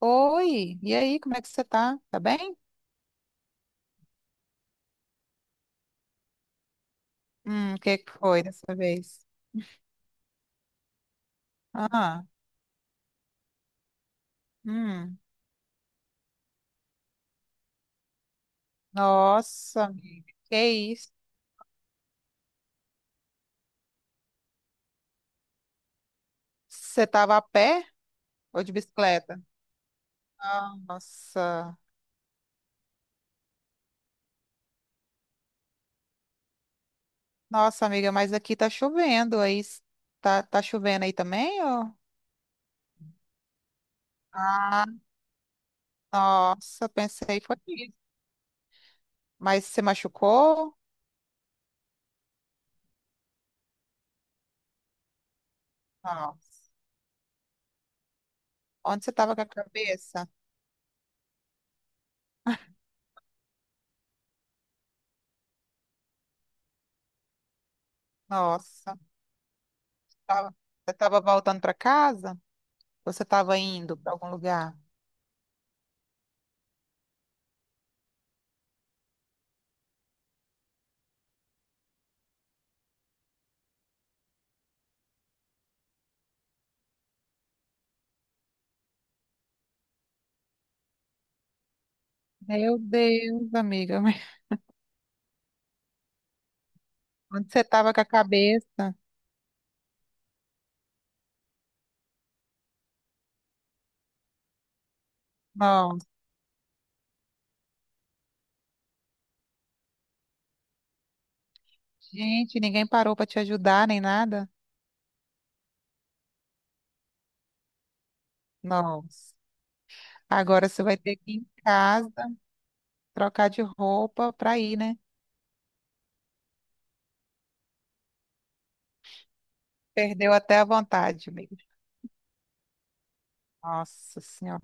Oi, e aí, como é que você tá? Tá bem? O que que foi dessa vez? Ah, hum, nossa, amiga, que isso? Você tava a pé ou de bicicleta? Ah, nossa, nossa, amiga, mas aqui tá chovendo aí. Tá, tá chovendo aí também, ou? Ah, nossa, pensei que foi isso. Mas você machucou? Nossa, onde você tava com a cabeça? Nossa, tava- você tava voltando pra casa? Ou você tava indo pra algum lugar? Meu Deus, amiga, mas onde você estava com a cabeça? Nossa, gente, ninguém parou para te ajudar nem nada? Nossa, agora você vai ter que ir em casa, trocar de roupa para ir, né? Perdeu até a vontade, amiga. Nossa Senhora.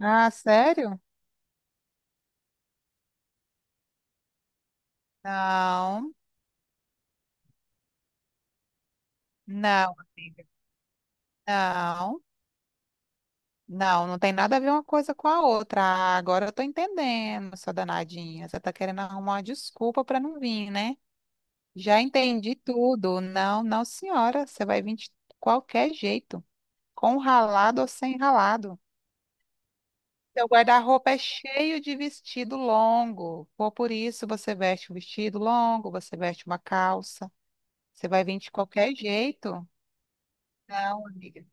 Ah, sério? Não, não, amiga. Não, não, não tem nada a ver uma coisa com a outra. Ah, agora eu tô entendendo, sua danadinha. Você tá querendo arrumar uma desculpa para não vir, né? Já entendi tudo. Não, não, senhora. Você vai vir de qualquer jeito, com ralado ou sem ralado. Seu guarda-roupa é cheio de vestido longo. Ou por isso você veste um vestido longo, você veste uma calça. Você vai vir de qualquer jeito. Não, amiga.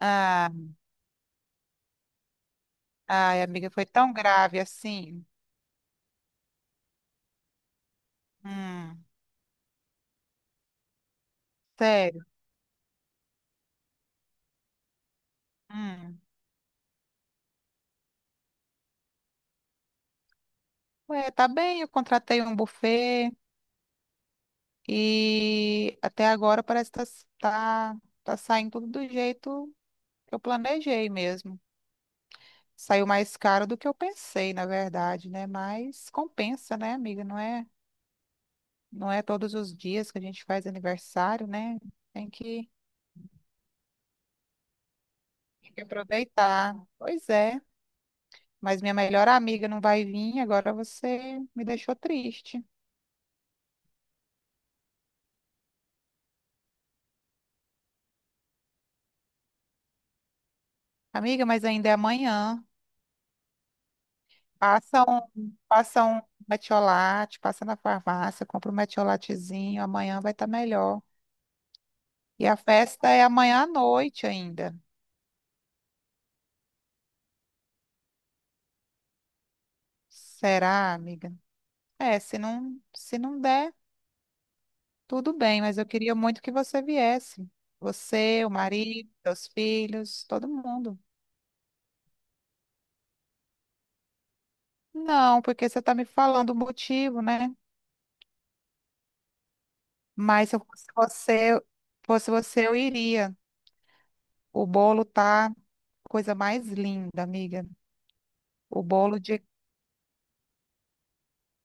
Ah, ai, amiga, foi tão grave assim. Hum, sério. Hum. Ué, tá bem, eu contratei um buffet e até agora parece que tá tá saindo tudo do jeito eu planejei mesmo. Saiu mais caro do que eu pensei, na verdade, né? Mas compensa, né, amiga? Não é todos os dias que a gente faz aniversário, né? Tem que, tem que aproveitar. Pois é. Mas minha melhor amiga não vai vir, agora você me deixou triste. Amiga, mas ainda é amanhã. Passa um metiolate, passa na farmácia, compra um metiolatezinho, amanhã vai estar melhor. E a festa é amanhã à noite ainda. Será, amiga? É, se não der, tudo bem, mas eu queria muito que você viesse. Você, o marido, seus filhos, todo mundo. Não, porque você está me falando o motivo, né? Mas se eu fosse você, eu iria. O bolo tá coisa mais linda, amiga. O bolo de,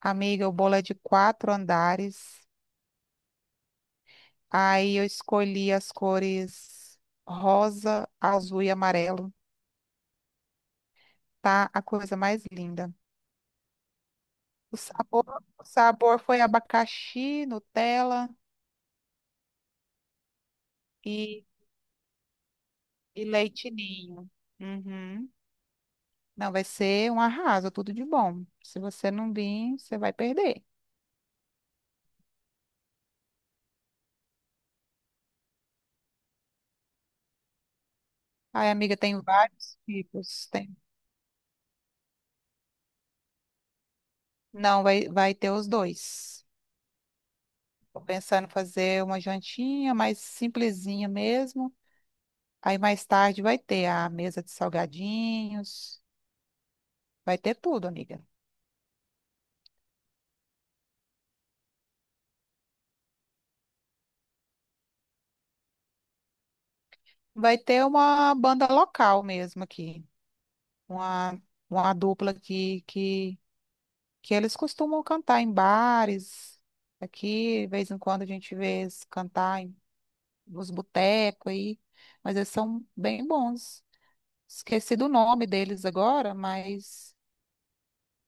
amiga, o bolo é de 4 andares. Aí eu escolhi as cores rosa, azul e amarelo. Tá a coisa mais linda. O sabor foi abacaxi, Nutella e, e leite ninho. Uhum. Não, vai ser um arraso, tudo de bom. Se você não vir, você vai perder. Ai, amiga, tem vários tipos. Tem... Não, vai ter os dois. Tô pensando em fazer uma jantinha mais simplesinha mesmo. Aí mais tarde vai ter a mesa de salgadinhos. Vai ter tudo, amiga. Vai ter uma banda local mesmo aqui. uma, uma dupla que eles costumam cantar em bares. Aqui, de vez em quando, a gente vê eles cantar em, nos botecos aí, mas eles são bem bons. Esqueci do nome deles agora,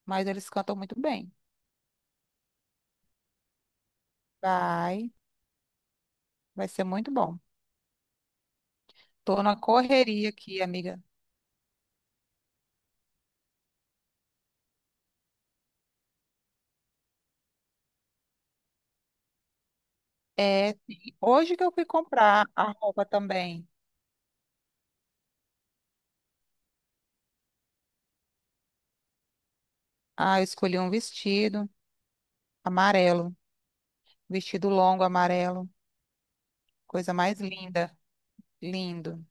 mas eles cantam muito bem. Vai, vai ser muito bom. Tô na correria aqui, amiga. É, sim. Hoje que eu fui comprar a roupa também. Ah, eu escolhi um vestido amarelo, vestido longo amarelo, coisa mais linda. Lindo.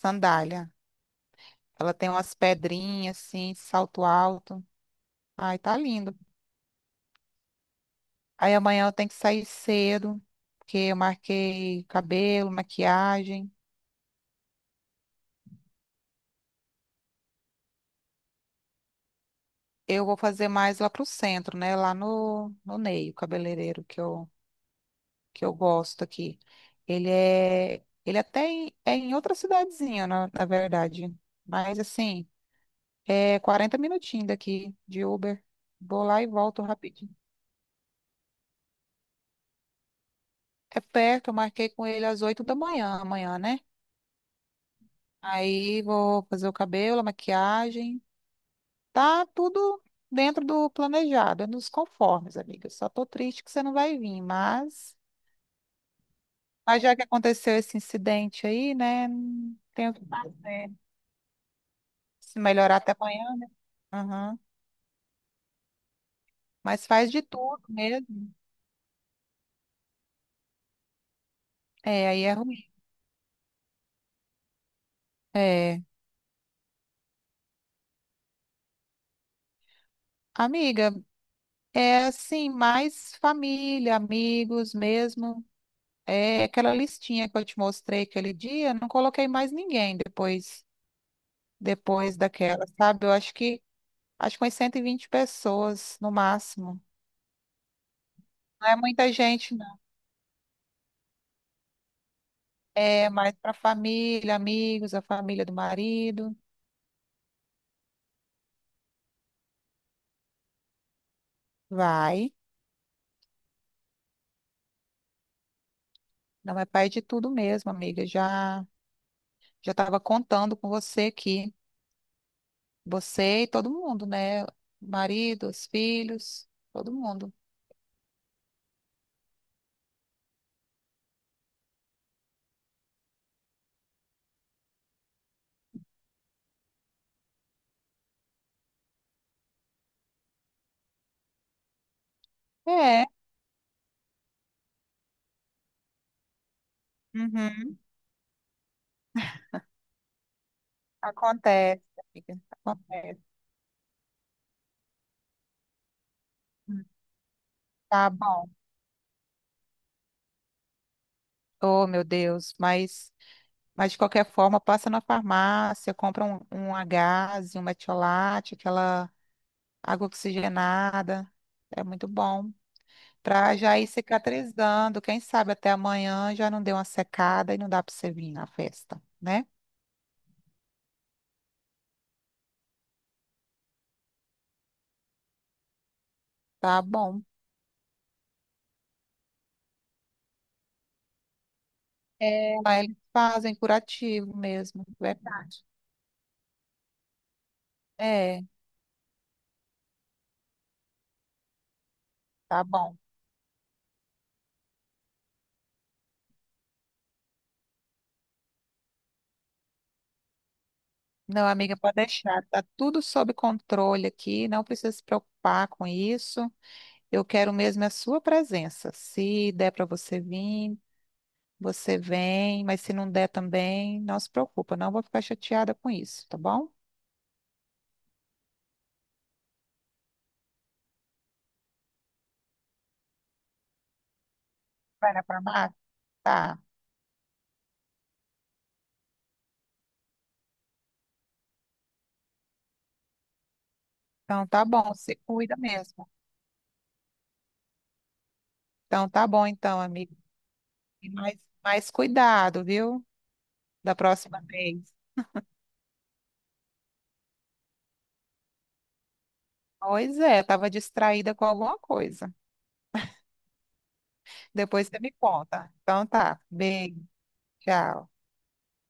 Sandália. Ela tem umas pedrinhas assim, salto alto. Ai, tá lindo. Aí amanhã eu tenho que sair cedo, porque eu marquei cabelo, maquiagem. Eu vou fazer mais lá pro centro, né? Lá no Ney, o cabeleireiro que eu gosto aqui. Ele é, ele é em outra cidadezinha, na verdade. Mas assim, é 40 minutinhos daqui de Uber. Vou lá e volto rapidinho. É perto, eu marquei com ele às 8 da manhã, amanhã, né? Aí vou fazer o cabelo, a maquiagem. Tá tudo dentro do planejado, é nos conformes, amiga. Só tô triste que você não vai vir, mas já que aconteceu esse incidente aí, né? Não tem o que fazer. Se melhorar até amanhã, né? Aham. Mas faz de tudo mesmo. É, aí é ruim. É. Amiga, é assim, mais família, amigos mesmo. É aquela listinha que eu te mostrei aquele dia, não coloquei mais ninguém depois daquela, sabe? Eu acho que umas 120 pessoas no máximo. Não é muita gente, não. É mais para família, amigos, a família do marido. Vai. Não é pai de tudo mesmo, amiga. Já estava contando com você aqui. Você e todo mundo, né? Marido, os filhos, todo mundo. É. Uhum. Acontece, amiga. Acontece. Tá bom. Oh, meu Deus, mas de qualquer forma, passa na farmácia, compra um Agase, um metiolate, aquela água oxigenada. É muito bom. Pra já ir cicatrizando. Quem sabe até amanhã já não deu uma secada e não dá pra você vir na festa, né? Tá bom. É, lá eles fazem curativo mesmo, verdade. É, tá bom. Não, amiga, pode deixar. Tá tudo sob controle aqui, não precisa se preocupar com isso. Eu quero mesmo é a sua presença. Se der para você vir, você vem, mas se não der também, não se preocupa, não vou ficar chateada com isso, tá bom? Vai lá pra mata? Tá. Então tá bom, você cuida mesmo. Então tá bom então, amigo. E mais, mais cuidado, viu? Da próxima vez. Pois é, eu tava distraída com alguma coisa. Depois você me conta. Então tá, beijo, tchau.